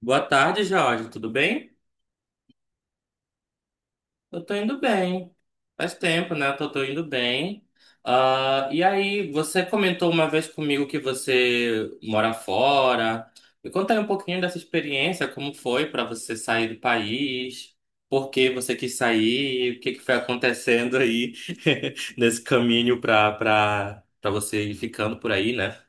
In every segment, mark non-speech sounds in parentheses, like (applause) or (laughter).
Boa tarde, Jorge. Tudo bem? Eu tô indo bem. Faz tempo, né? Eu tô indo bem. E aí, você comentou uma vez comigo que você mora fora. Me conta aí um pouquinho dessa experiência, como foi pra você sair do país, por que você quis sair, o que que foi acontecendo aí (laughs) nesse caminho pra você ir ficando por aí, né?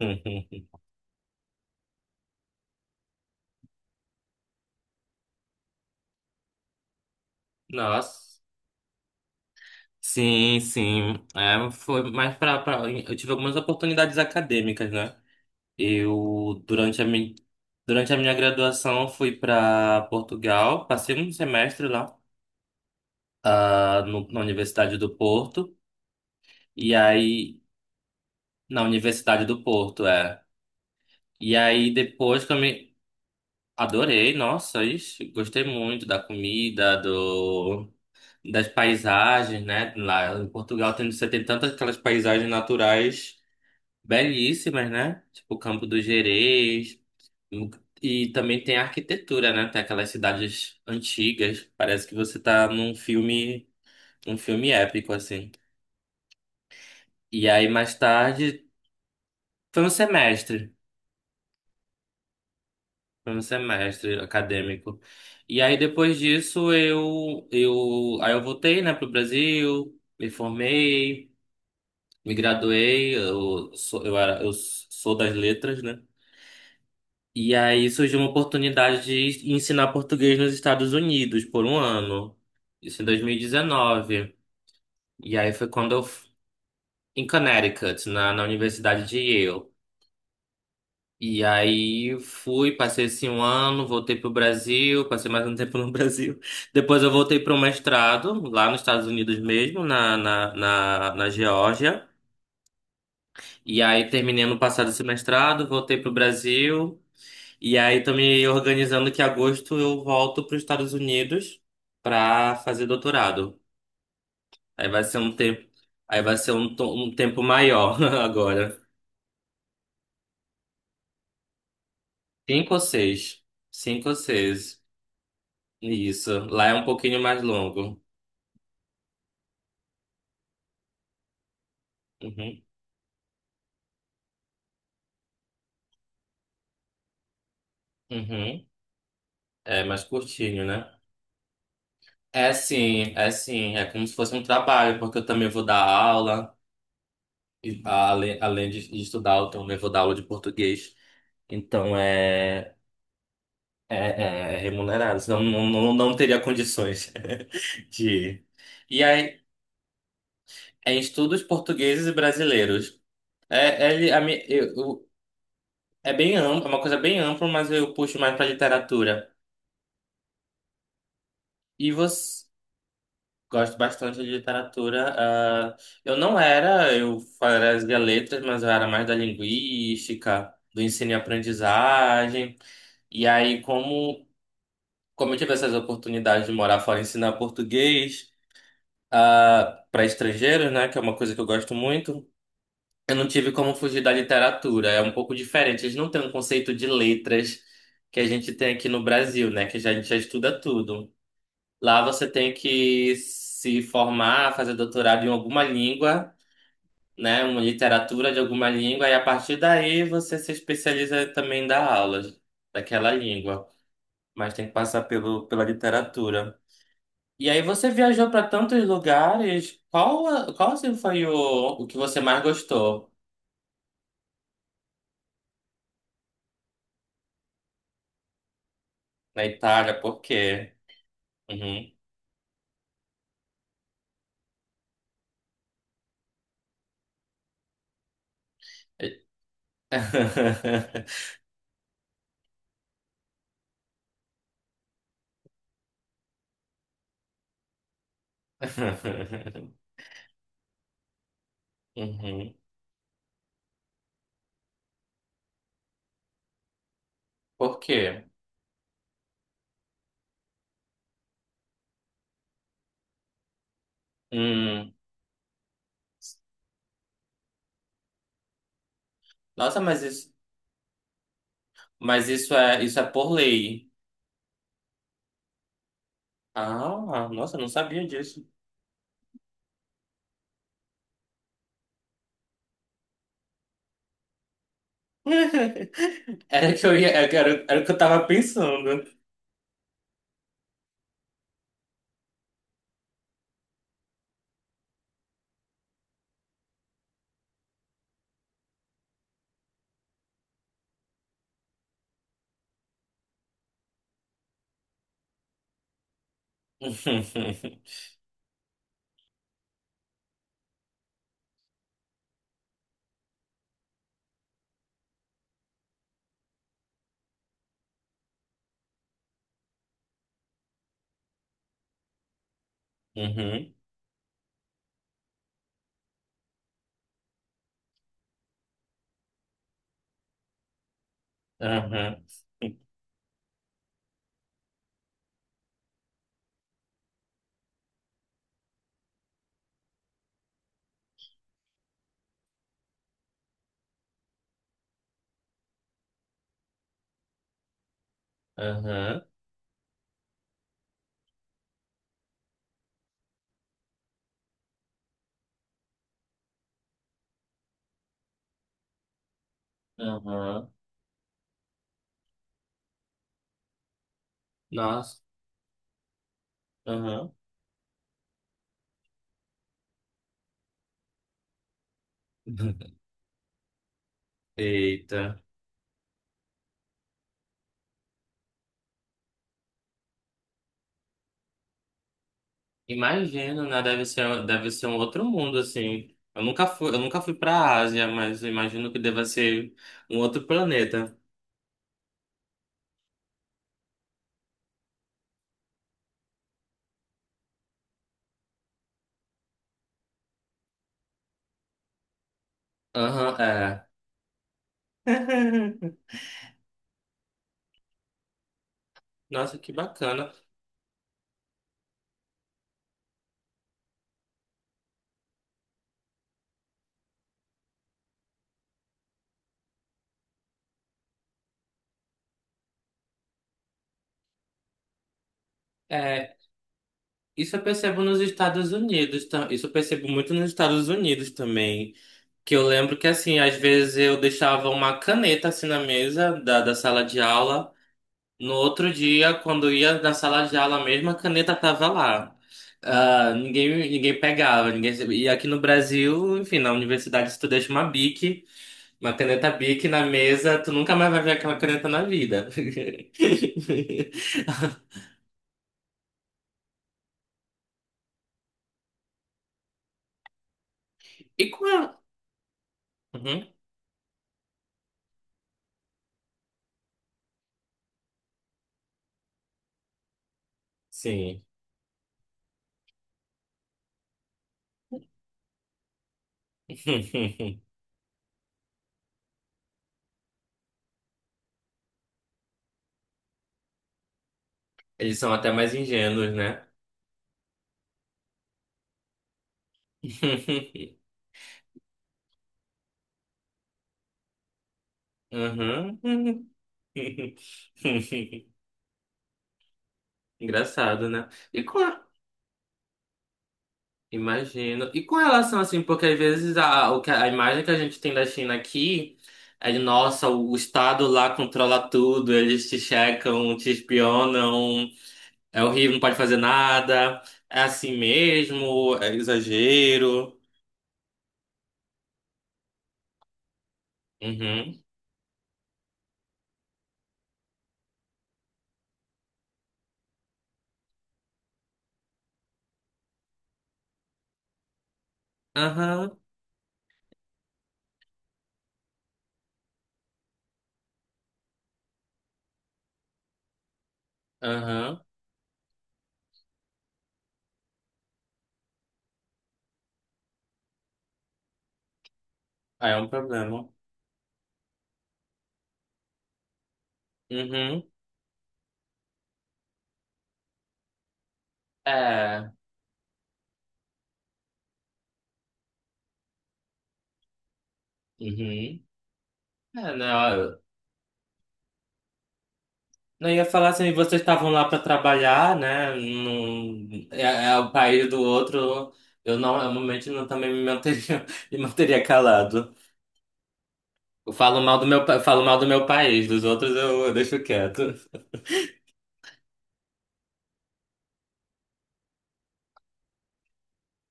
(laughs) Nossa. Sim, sim. É, foi mais pra... Eu tive algumas oportunidades acadêmicas, né? Eu, durante a minha graduação, fui para Portugal, passei um semestre lá, na Universidade do Porto, e aí... Na Universidade do Porto, é. E aí, depois que eu me... Adorei, nossa, ixi, gostei muito da comida, do... das paisagens, né? Lá em Portugal tem, você tem tantas aquelas paisagens naturais belíssimas, né? Tipo, o Campo do Gerês. E também tem a arquitetura, né? Tem aquelas cidades antigas. Parece que você tá num filme épico, assim. E aí, mais tarde, foi um semestre. Foi um semestre acadêmico. E aí, depois disso, aí eu voltei, né, pro Brasil, me formei, me graduei. Eu sou das letras, né? E aí surgiu uma oportunidade de ensinar português nos Estados Unidos por um ano. Isso em 2019. E dezenove. E aí foi quando eu... Em Connecticut, na Universidade de Yale. E aí fui, passei assim um ano, voltei pro Brasil, passei mais um tempo no (laughs) Brasil. Depois eu voltei para um mestrado, lá nos Estados Unidos mesmo, na Geórgia. E aí terminei no passado esse mestrado, voltei pro Brasil. E aí tô me organizando que em agosto eu volto para os Estados Unidos para fazer doutorado. Aí vai ser um tempo, aí vai ser um, to- um tempo maior (laughs) agora. Cinco ou seis? Cinco ou seis. Isso. Lá é um pouquinho mais longo. Uhum, uhum. É mais curtinho, né? É sim, é sim. É como se fosse um trabalho, porque eu também vou dar aula. E, além de estudar, eu também vou dar aula de português. Então é. É, é remunerado, senão não teria condições (laughs) de. E aí, é em estudos portugueses e brasileiros. É, é, li- a mi- eu- é bem amplo, é uma coisa bem ampla, mas eu puxo mais para literatura. E você? Gosto bastante de literatura. Eu não era, eu fazia letras, mas eu era mais da linguística, do ensino e aprendizagem. E aí, como eu tive essas oportunidades de morar fora e ensinar português. Para estrangeiros, né? Que é uma coisa que eu gosto muito. Eu não tive como fugir da literatura. É um pouco diferente. Eles não têm um conceito de letras que a gente tem aqui no Brasil, né? A gente já estuda tudo. Lá você tem que se formar, fazer doutorado em alguma língua, né? Uma literatura de alguma língua, e a partir daí você se especializa também em dar aulas daquela língua. Mas tem que passar pela literatura. E aí você viajou para tantos lugares. Qual assim foi o que você mais gostou na Itália? Por quê? Uhum. (laughs) Uhum. Por quê? Hum. Nossa, mas isso é por lei. Ah, nossa, eu não sabia disso. (laughs) Era que eu ia, era, era o que eu tava pensando. (laughs) Uhum. Uhum. Uhum. Uhum. Uhum. Nossa. Uhum. (laughs) Eita. Imagino, né? Deve ser um outro mundo, assim. Eu nunca fui pra Ásia, mas eu imagino que deva ser um outro planeta. Aham, é. (laughs) Nossa, que bacana. É, isso eu percebo nos Estados Unidos, isso eu percebo muito nos Estados Unidos também. Que eu lembro que, assim, às vezes eu deixava uma caneta assim na mesa da sala de aula. No outro dia, quando ia na sala de aula, a mesma caneta tava lá. Ah, ninguém pegava, ninguém... E aqui no Brasil, enfim, na universidade, se tu deixa uma Bic, uma caneta Bic na mesa, tu nunca mais vai ver aquela caneta na vida. (laughs) E com a... Uhum, Sim. (laughs) Eles são até mais ingênuos, né? (laughs) Uhum. (laughs) Engraçado, né? E com Imagino. E com relação assim, porque às vezes a imagem que a gente tem da China aqui é de, nossa, o Estado lá controla tudo, eles te checam, te espionam, é horrível, não pode fazer nada, é assim mesmo, é exagero. Uhum. Aham, aham. Aí é um problema. Uhum. É. Uhum. É, né? Não, eu ia falar assim, vocês estavam lá para trabalhar, né? Num, é, é o país do outro. Eu realmente não também me manteria, (laughs) me manteria calado. Eu falo mal do meu, falo mal do meu país, dos outros eu deixo quieto.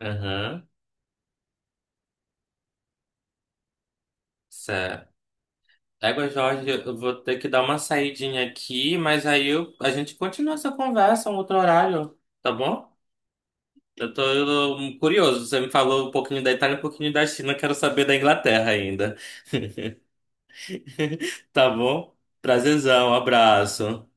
Aham, certo. Égua, Jorge, eu vou ter que dar uma saidinha aqui, mas a gente continua essa conversa um outro horário, tá bom? Eu tô curioso, você me falou um pouquinho da Itália, um pouquinho da China, eu quero saber da Inglaterra ainda. (laughs) (laughs) Tá bom? Prazerzão, abraço.